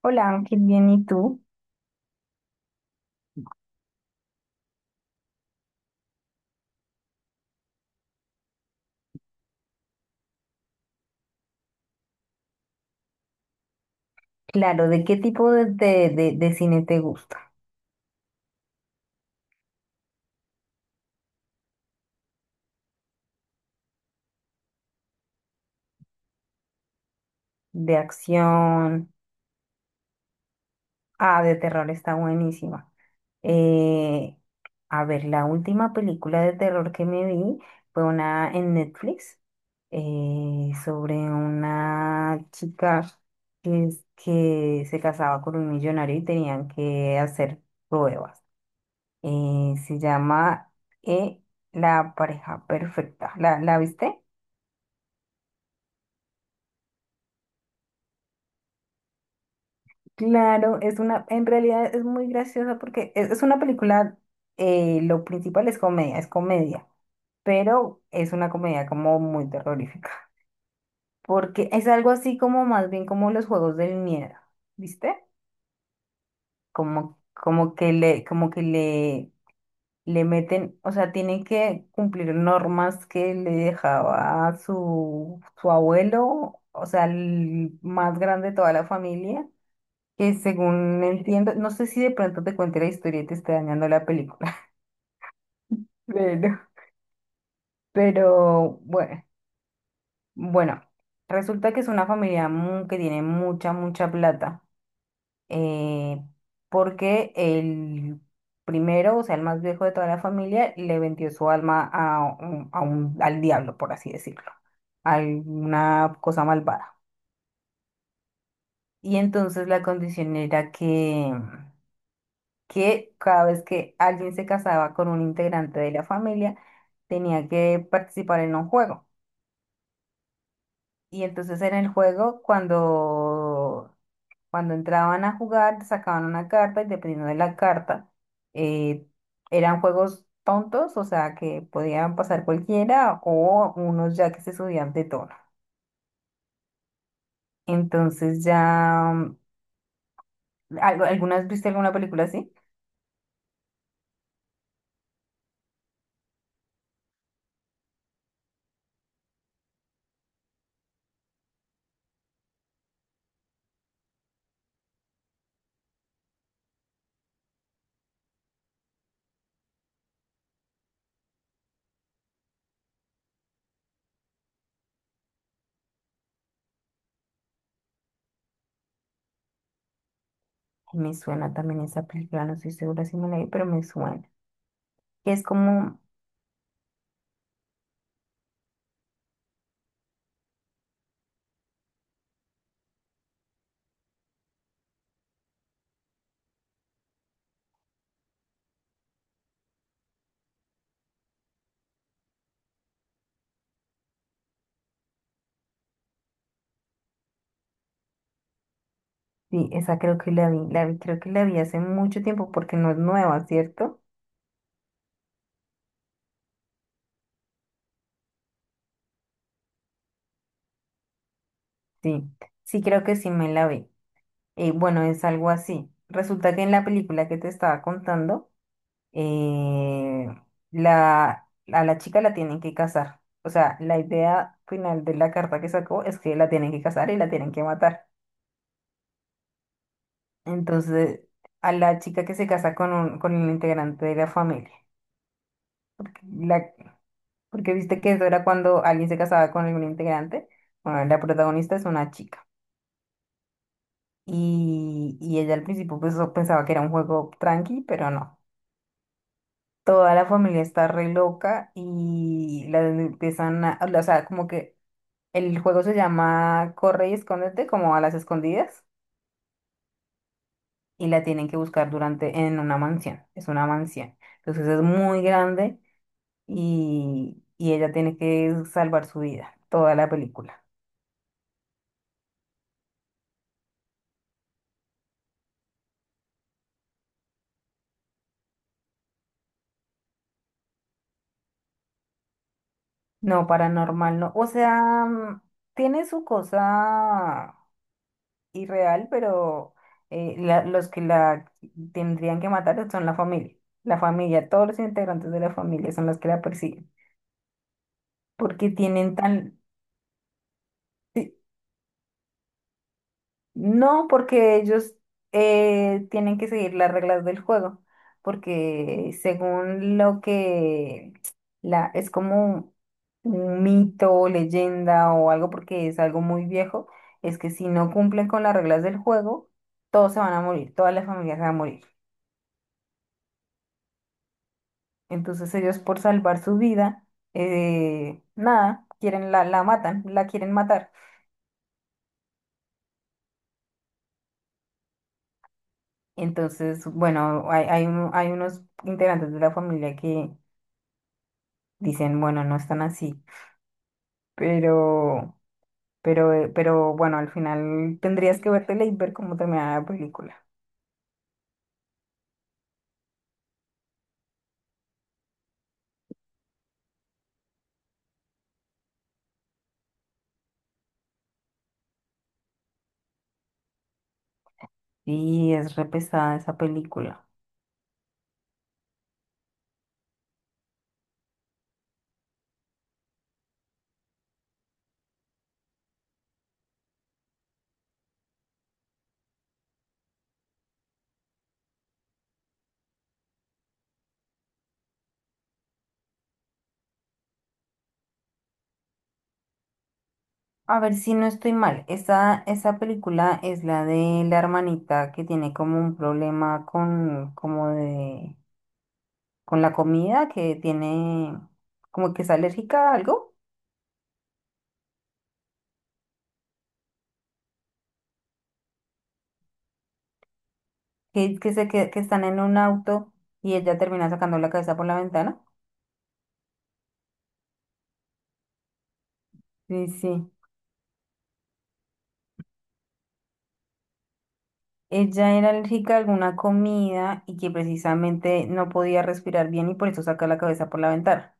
Hola Ángel, bien, ¿y tú? Claro, ¿de qué tipo de cine te gusta? ¿De acción? Ah, de terror está buenísima. Eh, a ver, la última película de terror que me vi fue una en Netflix, sobre una chica que se casaba con un millonario y tenían que hacer pruebas. Se llama eh, La pareja perfecta. ¿La viste? Claro, es una, en realidad es muy graciosa porque es una película, lo principal es comedia, pero es una comedia como muy terrorífica, porque es algo así como más bien como los juegos del miedo, ¿viste? Como que le meten, o sea, tienen que cumplir normas que le dejaba su abuelo, o sea, el más grande de toda la familia que según entiendo, no sé si de pronto te cuente la historia y te esté dañando la película, pero, pero bueno, bueno, resulta que es una familia que tiene mucha plata, eh, porque el primero, o sea, el más viejo de toda la familia, le vendió su alma al diablo, por así decirlo, a una cosa malvada. Y entonces la condición era que cada vez que alguien se casaba con un integrante de la familia, tenía que participar en un juego. Y entonces en el juego, cuando entraban a jugar, sacaban una carta y dependiendo de la carta, eh, eran juegos tontos, o sea, que podían pasar cualquiera o unos ya que se subían de tono. Entonces ya, ¿alguna vez viste alguna película así? Me suena también esa película, no estoy segura si me la vi, pero me suena. Que es como. Sí, esa creo que la vi, creo que la vi hace mucho tiempo porque no es nueva, ¿cierto? Sí, sí creo que sí me la vi. Bueno, es algo así. Resulta que en la película que te estaba contando, eh, a la chica la tienen que casar. O sea, la idea final de la carta que sacó es que la tienen que casar y la tienen que matar. Entonces, a la chica que se casa con con el integrante de la familia, porque la, porque viste que eso era cuando alguien se casaba con algún integrante. Bueno, la protagonista es una chica. Y ella al principio pues, pensaba que era un juego tranqui, pero no. Toda la familia está re loca y la empiezan a, o sea, como que el juego se llama Corre y escóndete, como a las escondidas, y la tienen que buscar en una mansión. Es una mansión. Entonces es muy grande y ella tiene que salvar su vida, toda la película. No, paranormal no. O sea, mm, tiene su cosa irreal, pero los que la tendrían que matar son la familia. La familia, todos los integrantes de la familia son los que la persiguen. Porque tienen tan... No, porque ellos tienen que seguir las reglas del juego, porque según lo que es como un mito, leyenda o algo, porque es algo muy viejo, es que si no cumplen con las reglas del juego, todos se van a morir, todas las familias se van a morir. Entonces ellos por salvar su vida, nada, la matan, la quieren matar. Entonces, bueno, hay unos integrantes de la familia que dicen, bueno, no están así, pero, pero bueno, al final tendrías que vértela y ver cómo termina la película. Y es re pesada esa película. A ver si no estoy mal, esa película es la de la hermanita que tiene como un problema con la comida, como que es alérgica a algo, que se, que están en un auto y ella termina sacando la cabeza por la ventana. Sí, sí. Ella era alérgica a alguna comida y que precisamente no podía respirar bien y por eso saca la cabeza por la ventana.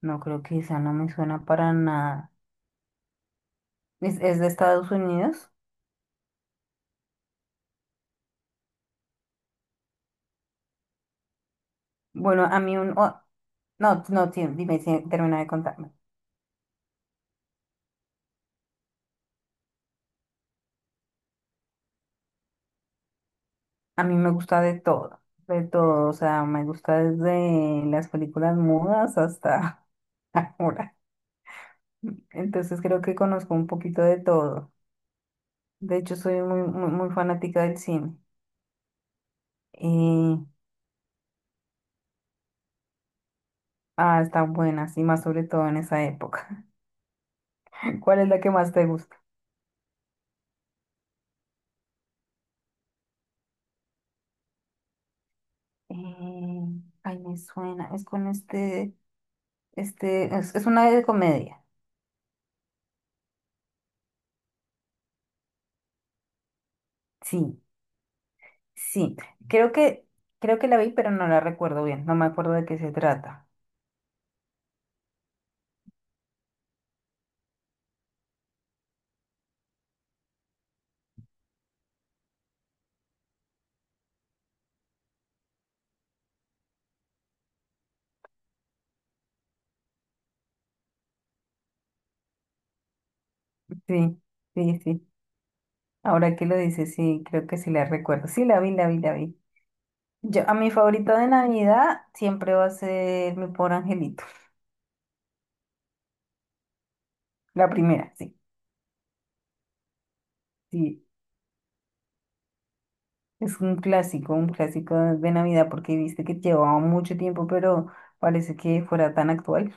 No creo que esa no me suena para nada. Es de Estados Unidos? Bueno, a mí un... oh, no, no, sí, dime, sí, termina de contarme. A mí me gusta de todo, o sea, me gusta desde las películas mudas hasta ahora. Entonces creo que conozco un poquito de todo. De hecho, soy muy, muy, muy fanática del cine. Eh, Ah, están buenas y más sobre todo en esa época. ¿Cuál es la que más te gusta? Eh, ay, me suena. Es con este, es una de comedia. Sí, sí. Creo que, creo que la vi, pero no la recuerdo bien. No me acuerdo de qué se trata. Sí, sí, sí. Ahora que lo dices, sí, creo que sí la recuerdo. Sí, la vi. Yo, a mi favorita de Navidad siempre va a ser Mi Pobre Angelito. La primera, sí. Sí, es un clásico de Navidad, porque viste que llevaba mucho tiempo, pero parece que fuera tan actual.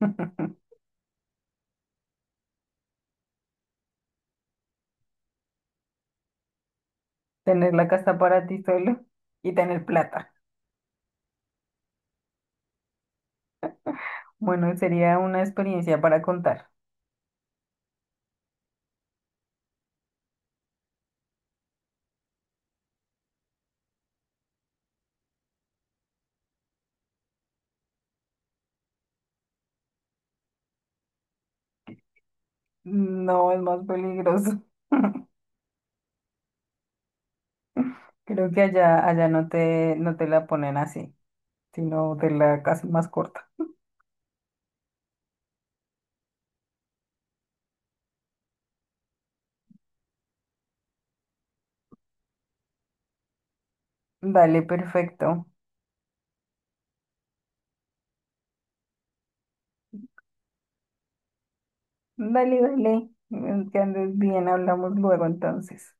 Tener la casa para ti solo y tener plata. Bueno, sería una experiencia para contar. No, es más peligroso. Creo que allá no te, no te la ponen así, sino te la casi más corta. Dale, perfecto. Dale, dale. Que andes bien, hablamos luego entonces.